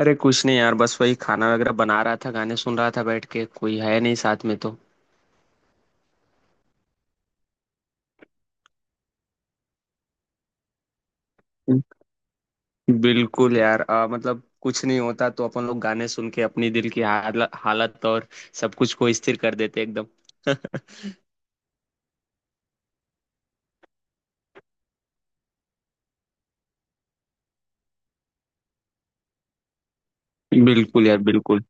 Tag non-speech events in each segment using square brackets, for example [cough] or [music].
अरे कुछ नहीं यार, बस वही खाना वगैरह बना रहा था, गाने सुन रहा था बैठ के, कोई है नहीं साथ में तो। बिल्कुल यार, मतलब कुछ नहीं होता तो अपन लोग गाने सुन के अपनी दिल की हालत और सब कुछ को स्थिर कर देते एकदम। बिल्कुल यार बिल्कुल।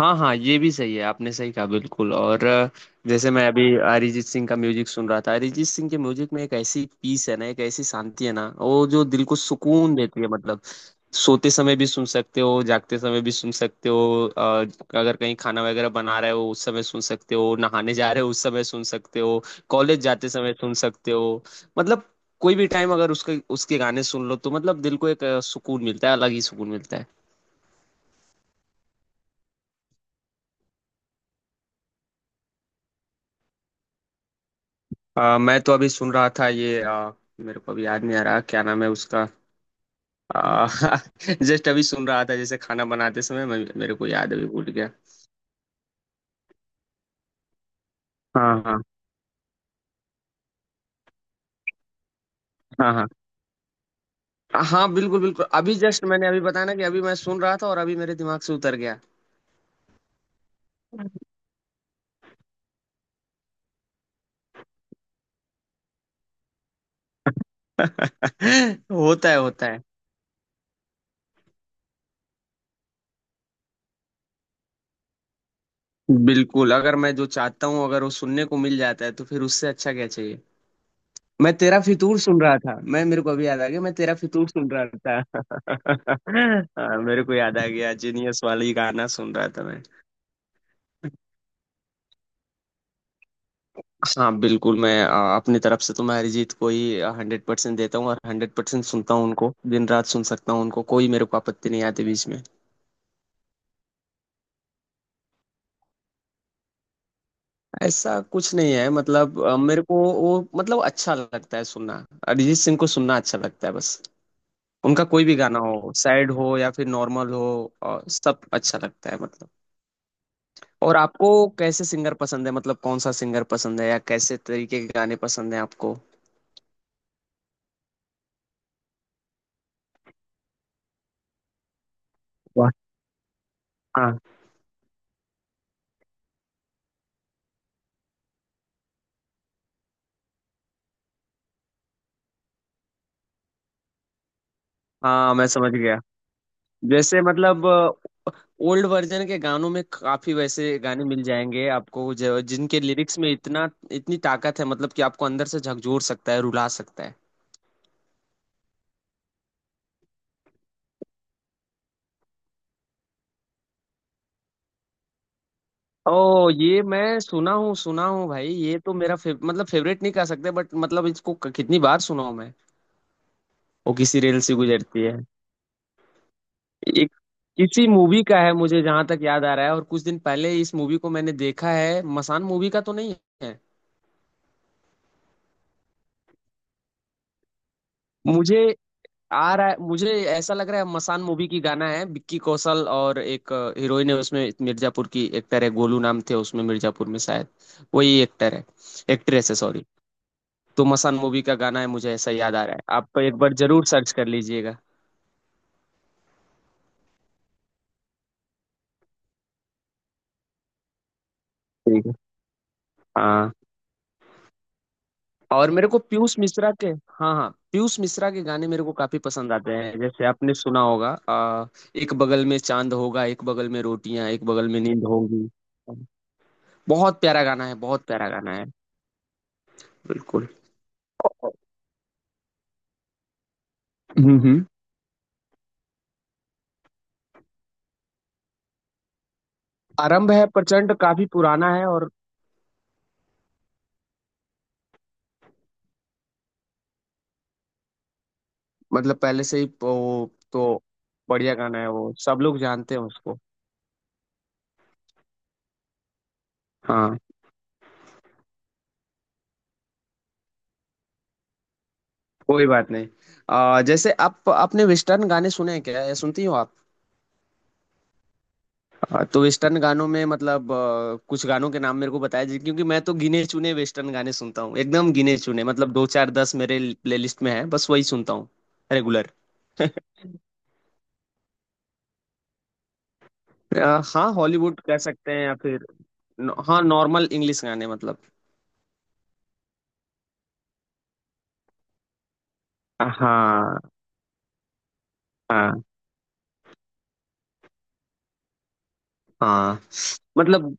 हाँ हाँ, ये भी सही है, आपने सही कहा बिल्कुल, और जैसे मैं अभी अरिजीत सिंह का म्यूजिक सुन रहा था। अरिजीत सिंह के म्यूजिक में एक ऐसी पीस है ना, एक ऐसी शांति है ना, वो जो दिल को सुकून देती है मतलब। सोते समय भी सुन सकते हो, जागते समय भी सुन सकते हो, अगर कहीं खाना वगैरह बना रहे हो उस समय सुन सकते हो, नहाने जा रहे हो उस समय सुन सकते हो, कॉलेज जाते समय सुन सकते हो। मतलब कोई भी टाइम अगर उसके उसके गाने सुन लो तो मतलब दिल को एक सुकून मिलता है, अलग ही सुकून मिलता है। मैं तो अभी सुन रहा था ये, मेरे को अभी याद नहीं आ रहा क्या नाम है उसका। आ, [laughs] जस्ट अभी सुन रहा था जैसे खाना बनाते समय, मेरे को याद, अभी भूल गया। हाँ हाँ हाँ हाँ हाँ, बिल्कुल बिल्कुल, अभी जस्ट मैंने अभी बताया ना कि अभी मैं सुन रहा था और अभी मेरे दिमाग से उतर गया। [laughs] होता है होता है। बिल्कुल, अगर मैं जो चाहता हूँ, अगर वो सुनने को मिल जाता है तो फिर उससे अच्छा क्या चाहिए। मैं तेरा फितूर सुन रहा था, मैं मेरे को अभी याद आ गया, मैं तेरा फितूर सुन रहा था। [laughs] हाँ, मेरे को याद आ गया, जीनियस वाली गाना सुन रहा था मैं। हाँ बिल्कुल, मैं अपनी तरफ से तो मैं अरिजीत को ही हंड्रेड परसेंट देता हूँ और हंड्रेड परसेंट सुनता हूँ उनको, दिन रात सुन सकता हूँ उनको, कोई मेरे को आपत्ति नहीं आती बीच में। ऐसा कुछ नहीं है, मतलब मेरे को वो, मतलब अच्छा लगता है सुनना, अरिजीत सिंह को सुनना अच्छा लगता है बस। उनका कोई भी गाना हो, सैड हो या फिर नॉर्मल हो, सब अच्छा लगता है मतलब। और आपको कैसे सिंगर पसंद है, मतलब कौन सा सिंगर पसंद है, या कैसे तरीके के गाने पसंद है आपको? वाह। हाँ हाँ मैं समझ गया। जैसे मतलब ओल्ड वर्जन के गानों में काफी वैसे गाने मिल जाएंगे आपको, जो, जिनके लिरिक्स में इतना, इतनी ताकत है मतलब, कि आपको अंदर से झकझोर सकता है, रुला सकता है। ओ ये मैं सुना हूँ, सुना हूँ भाई, ये तो मेरा मतलब फेवरेट नहीं कह सकते बट, मतलब इसको कितनी बार सुना हूँ मैं। वो किसी रेल से गुजरती है। एक किसी मूवी का है, मुझे जहां तक याद आ रहा है, और कुछ दिन पहले इस मूवी को मैंने देखा है, मसान मूवी का तो नहीं है। मुझे आ रहा है, मुझे ऐसा लग रहा है मसान मूवी की गाना है, विक्की कौशल और एक हीरोइन है उसमें, मिर्जापुर की एक्टर है, गोलू नाम थे उसमें मिर्जापुर में शायद, वही एक्टर है, एक्ट्रेस है सॉरी। तो मसान मूवी का गाना है, मुझे ऐसा याद आ रहा है, आप एक बार जरूर सर्च कर लीजिएगा। ठीक है। हाँ। और मेरे को पीयूष मिश्रा के, हाँ हाँ पीयूष मिश्रा के गाने मेरे को काफी पसंद आते हैं, जैसे आपने सुना होगा, एक बगल में चांद होगा, एक बगल में रोटियां, एक बगल में नींद होगी। बहुत प्यारा गाना है, बहुत प्यारा गाना है। बिल्कुल। हम्म हम्म। आरंभ है प्रचंड, काफी पुराना है, और मतलब पहले से ही वो तो बढ़िया गाना है, वो सब लोग जानते हैं उसको। हाँ। कोई बात नहीं। जैसे आप, आपने वेस्टर्न गाने सुने हैं क्या, या सुनती हो आप? हाँ, तो वेस्टर्न गानों में मतलब कुछ गानों के नाम मेरे को बताया जी, क्योंकि मैं तो गिने चुने वेस्टर्न गाने सुनता हूँ एकदम, गिने चुने, मतलब दो चार दस मेरे प्लेलिस्ट में है, बस वही सुनता हूँ रेगुलर। [laughs] हाँ, हॉलीवुड कह सकते हैं या फिर, हाँ, नॉर्मल इंग्लिश गाने मतलब। हाँ हाँ हाँ, मतलब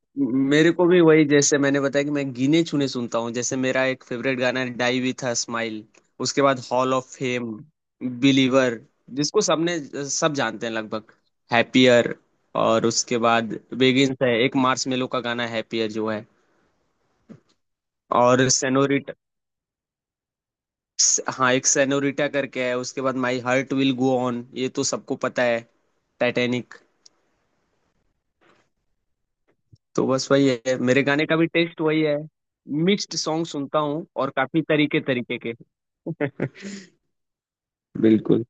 मेरे को भी वही, जैसे मैंने बताया कि मैं गिने चुने सुनता हूँ, जैसे मेरा एक फेवरेट गाना है डाई विथ अ स्माइल। उसके बाद हॉल ऑफ फेम, बिलीवर जिसको सबने, सब जानते हैं लगभग, हैप्पियर, और उसके बाद बेगिंस है, एक मार्शमेलो का गाना है हैप्पियर जो है, और सेनोरिटा। हाँ एक सेनोरिटा करके है, उसके बाद my heart will go on, ये तो सबको पता है, टाइटैनिक। तो बस वही है, मेरे गाने का भी टेस्ट वही है, मिक्स्ड सॉन्ग सुनता हूँ और काफी तरीके तरीके के [laughs] बिल्कुल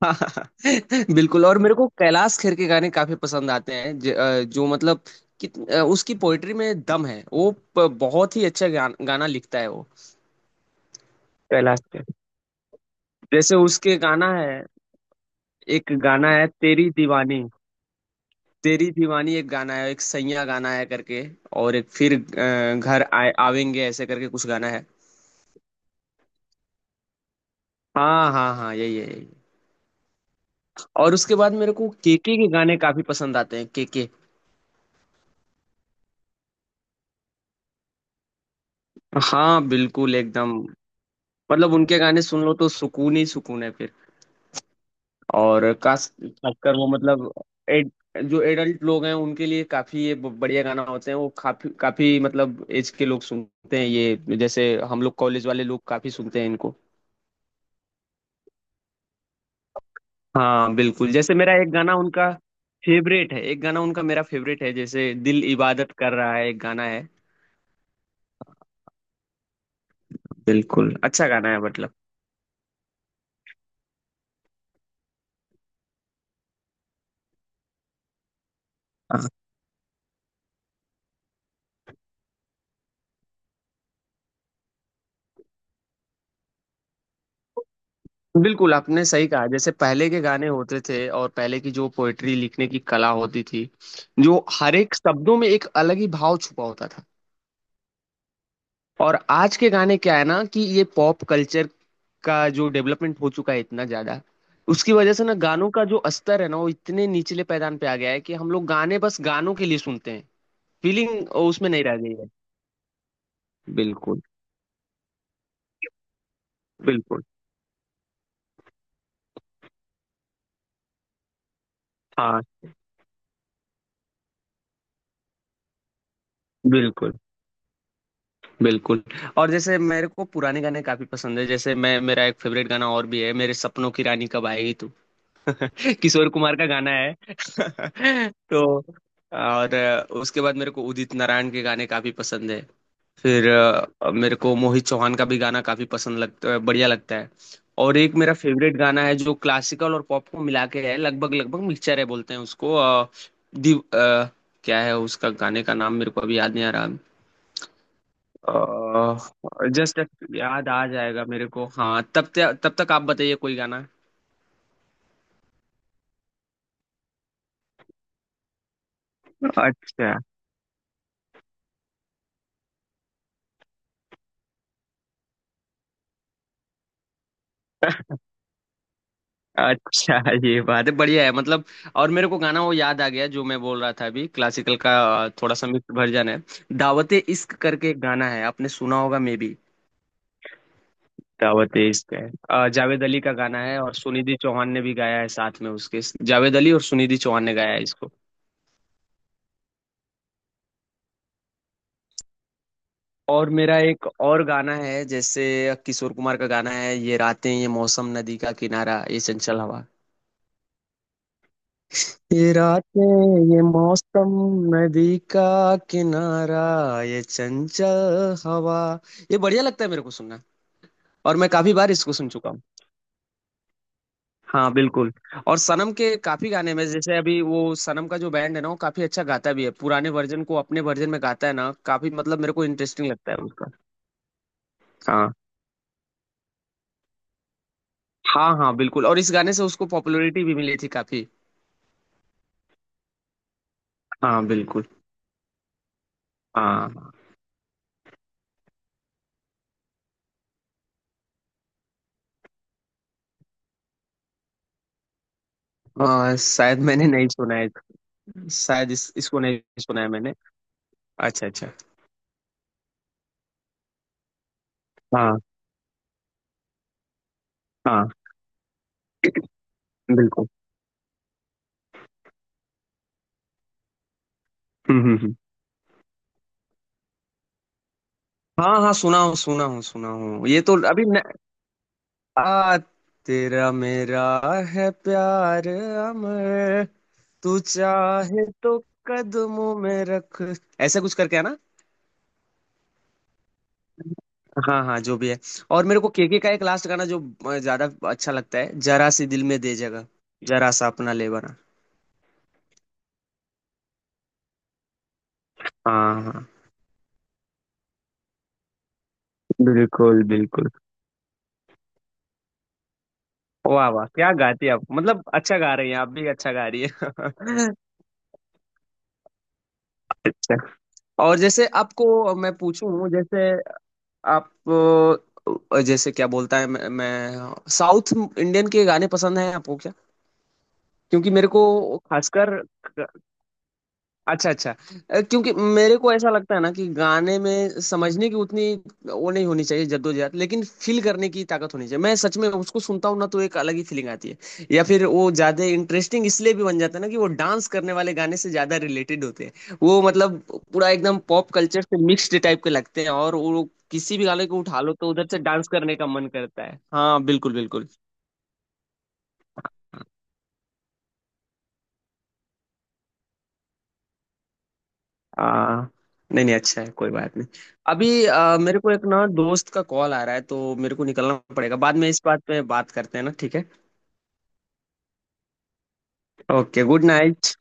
[laughs] बिल्कुल, और मेरे को कैलाश खेर के गाने काफी पसंद आते हैं, जो मतलब, उसकी पोइट्री में दम है वो, बहुत ही अच्छा गाना लिखता है वो कैलाश खेर। जैसे उसके गाना है, एक गाना है तेरी दीवानी। तेरी दीवानी एक गाना है, एक सैया गाना है करके, और एक फिर घर आए आवेंगे ऐसे करके कुछ गाना है। हाँ हाँ हाँ यही है, यही। और उसके बाद मेरे को केके के गाने काफी पसंद आते हैं, केके। हाँ बिल्कुल एकदम, मतलब उनके गाने सुन लो तो सुकून ही सुकून है फिर। और खास, खासकर वो मतलब, एड, जो एडल्ट लोग हैं उनके लिए काफी ये बढ़िया गाना होते हैं वो, काफी काफी मतलब एज के लोग सुनते हैं ये, जैसे हम लोग कॉलेज वाले लोग काफी सुनते हैं इनको। हाँ बिल्कुल, जैसे मेरा एक गाना उनका फेवरेट है, एक गाना उनका मेरा फेवरेट है, जैसे दिल इबादत कर रहा है, एक गाना है। बिल्कुल अच्छा गाना है मतलब। हाँ। बिल्कुल आपने सही कहा, जैसे पहले के गाने होते थे और पहले की जो पोएट्री लिखने की कला होती थी, जो हर एक शब्दों में एक अलग ही भाव छुपा होता था। और आज के गाने क्या है ना, कि ये पॉप कल्चर का जो डेवलपमेंट हो चुका है इतना ज्यादा, उसकी वजह से ना गानों का जो स्तर है ना वो इतने निचले पैदान पे आ गया है, कि हम लोग गाने बस गानों के लिए सुनते हैं, फीलिंग उसमें नहीं रह गई है। बिल्कुल बिल्कुल। हाँ बिल्कुल बिल्कुल। और जैसे मेरे को पुराने गाने काफी पसंद है, जैसे मैं मेरा एक फेवरेट गाना और भी है, मेरे सपनों की रानी कब आएगी तू। [laughs] किशोर कुमार का गाना है [laughs] तो, और उसके बाद मेरे को उदित नारायण के गाने काफी पसंद है। फिर मेरे को मोहित चौहान का भी गाना काफी पसंद लगता, बढ़िया लगता है। और एक मेरा फेवरेट गाना है जो क्लासिकल और पॉप को मिला के है, लगभग लगभग मिक्सचर है बोलते हैं उसको दिव अ, क्या है उसका गाने का नाम, मेरे को अभी याद नहीं आ रहा। अह जस्ट याद आ जाएगा मेरे को, हाँ तब तक, तब तक आप बताइए कोई गाना। अच्छा अच्छा ये बात है, बढ़िया है मतलब। और मेरे को गाना वो याद आ गया जो मैं बोल रहा था अभी, क्लासिकल का थोड़ा सा मिक्स वर्जन है, दावते इश्क करके एक गाना है, आपने सुना होगा मे बी। दावते इश्क है, जावेद अली का गाना है और सुनिधि चौहान ने भी गाया है साथ में उसके, जावेद अली और सुनिधि चौहान ने गाया है इसको। और मेरा एक और गाना है, जैसे किशोर कुमार का गाना है, ये रातें ये मौसम नदी का किनारा ये चंचल हवा। ये रातें ये मौसम नदी का किनारा ये चंचल हवा, ये बढ़िया लगता है मेरे को सुनना। और मैं काफी बार इसको सुन चुका हूँ। हाँ बिल्कुल। और सनम के काफी गाने में, जैसे अभी वो सनम का जो बैंड है ना वो काफी अच्छा गाता भी है, पुराने वर्जन को अपने वर्जन में गाता है ना, काफी मतलब मेरे को इंटरेस्टिंग लगता है उसका। हाँ। हाँ हाँ बिल्कुल, और इस गाने से उसको पॉपुलैरिटी भी मिली थी काफी। हाँ बिल्कुल। हाँ हाँ शायद मैंने नहीं सुना है। शायद इसको नहीं सुना है मैंने। अच्छा अच्छा। हाँ। हाँ बिल्कुल। हम्म हम्म हम्म। हाँ हाँ सुना हूँ सुना हूँ सुना हूँ, ये तो अभी न... आ तेरा मेरा है प्यार अमर, तू चाहे तो कदमों में रख, ऐसा कुछ करके है ना। हाँ हाँ जो भी है। और मेरे को केके का एक लास्ट गाना जो ज्यादा अच्छा लगता है, जरा सी दिल में दे जगह, जरा सा अपना ले बना। हाँ हाँ बिल्कुल बिल्कुल। वाह वाह क्या गाती है आप, मतलब अच्छा गा रही हैं आप, भी अच्छा गा रही है [laughs] अच्छा, और जैसे आपको मैं पूछूं, जैसे आप जैसे क्या बोलता है, मैं साउथ इंडियन के गाने पसंद हैं आपको क्या? क्योंकि मेरे को खासकर। अच्छा अच्छा। क्योंकि मेरे को ऐसा लगता है ना कि गाने में समझने की उतनी वो नहीं होनी चाहिए जद्दोजहद, लेकिन फील करने की ताकत होनी चाहिए, मैं सच में उसको सुनता हूँ ना तो एक अलग ही फीलिंग आती है, या फिर वो ज्यादा इंटरेस्टिंग इसलिए भी बन जाता है ना कि वो डांस करने वाले गाने से ज्यादा रिलेटेड होते हैं वो, मतलब पूरा एकदम पॉप कल्चर से मिक्स्ड टाइप के लगते हैं, और वो किसी भी गाने को उठा लो तो उधर से डांस करने का मन करता है, हाँ बिल्कुल बिल्कुल। आ, नहीं नहीं अच्छा है, कोई बात नहीं। अभी मेरे को एक ना दोस्त का कॉल आ रहा है, तो मेरे को निकलना पड़ेगा, बाद में इस बात पे बात करते हैं ना, ठीक है? Okay good night.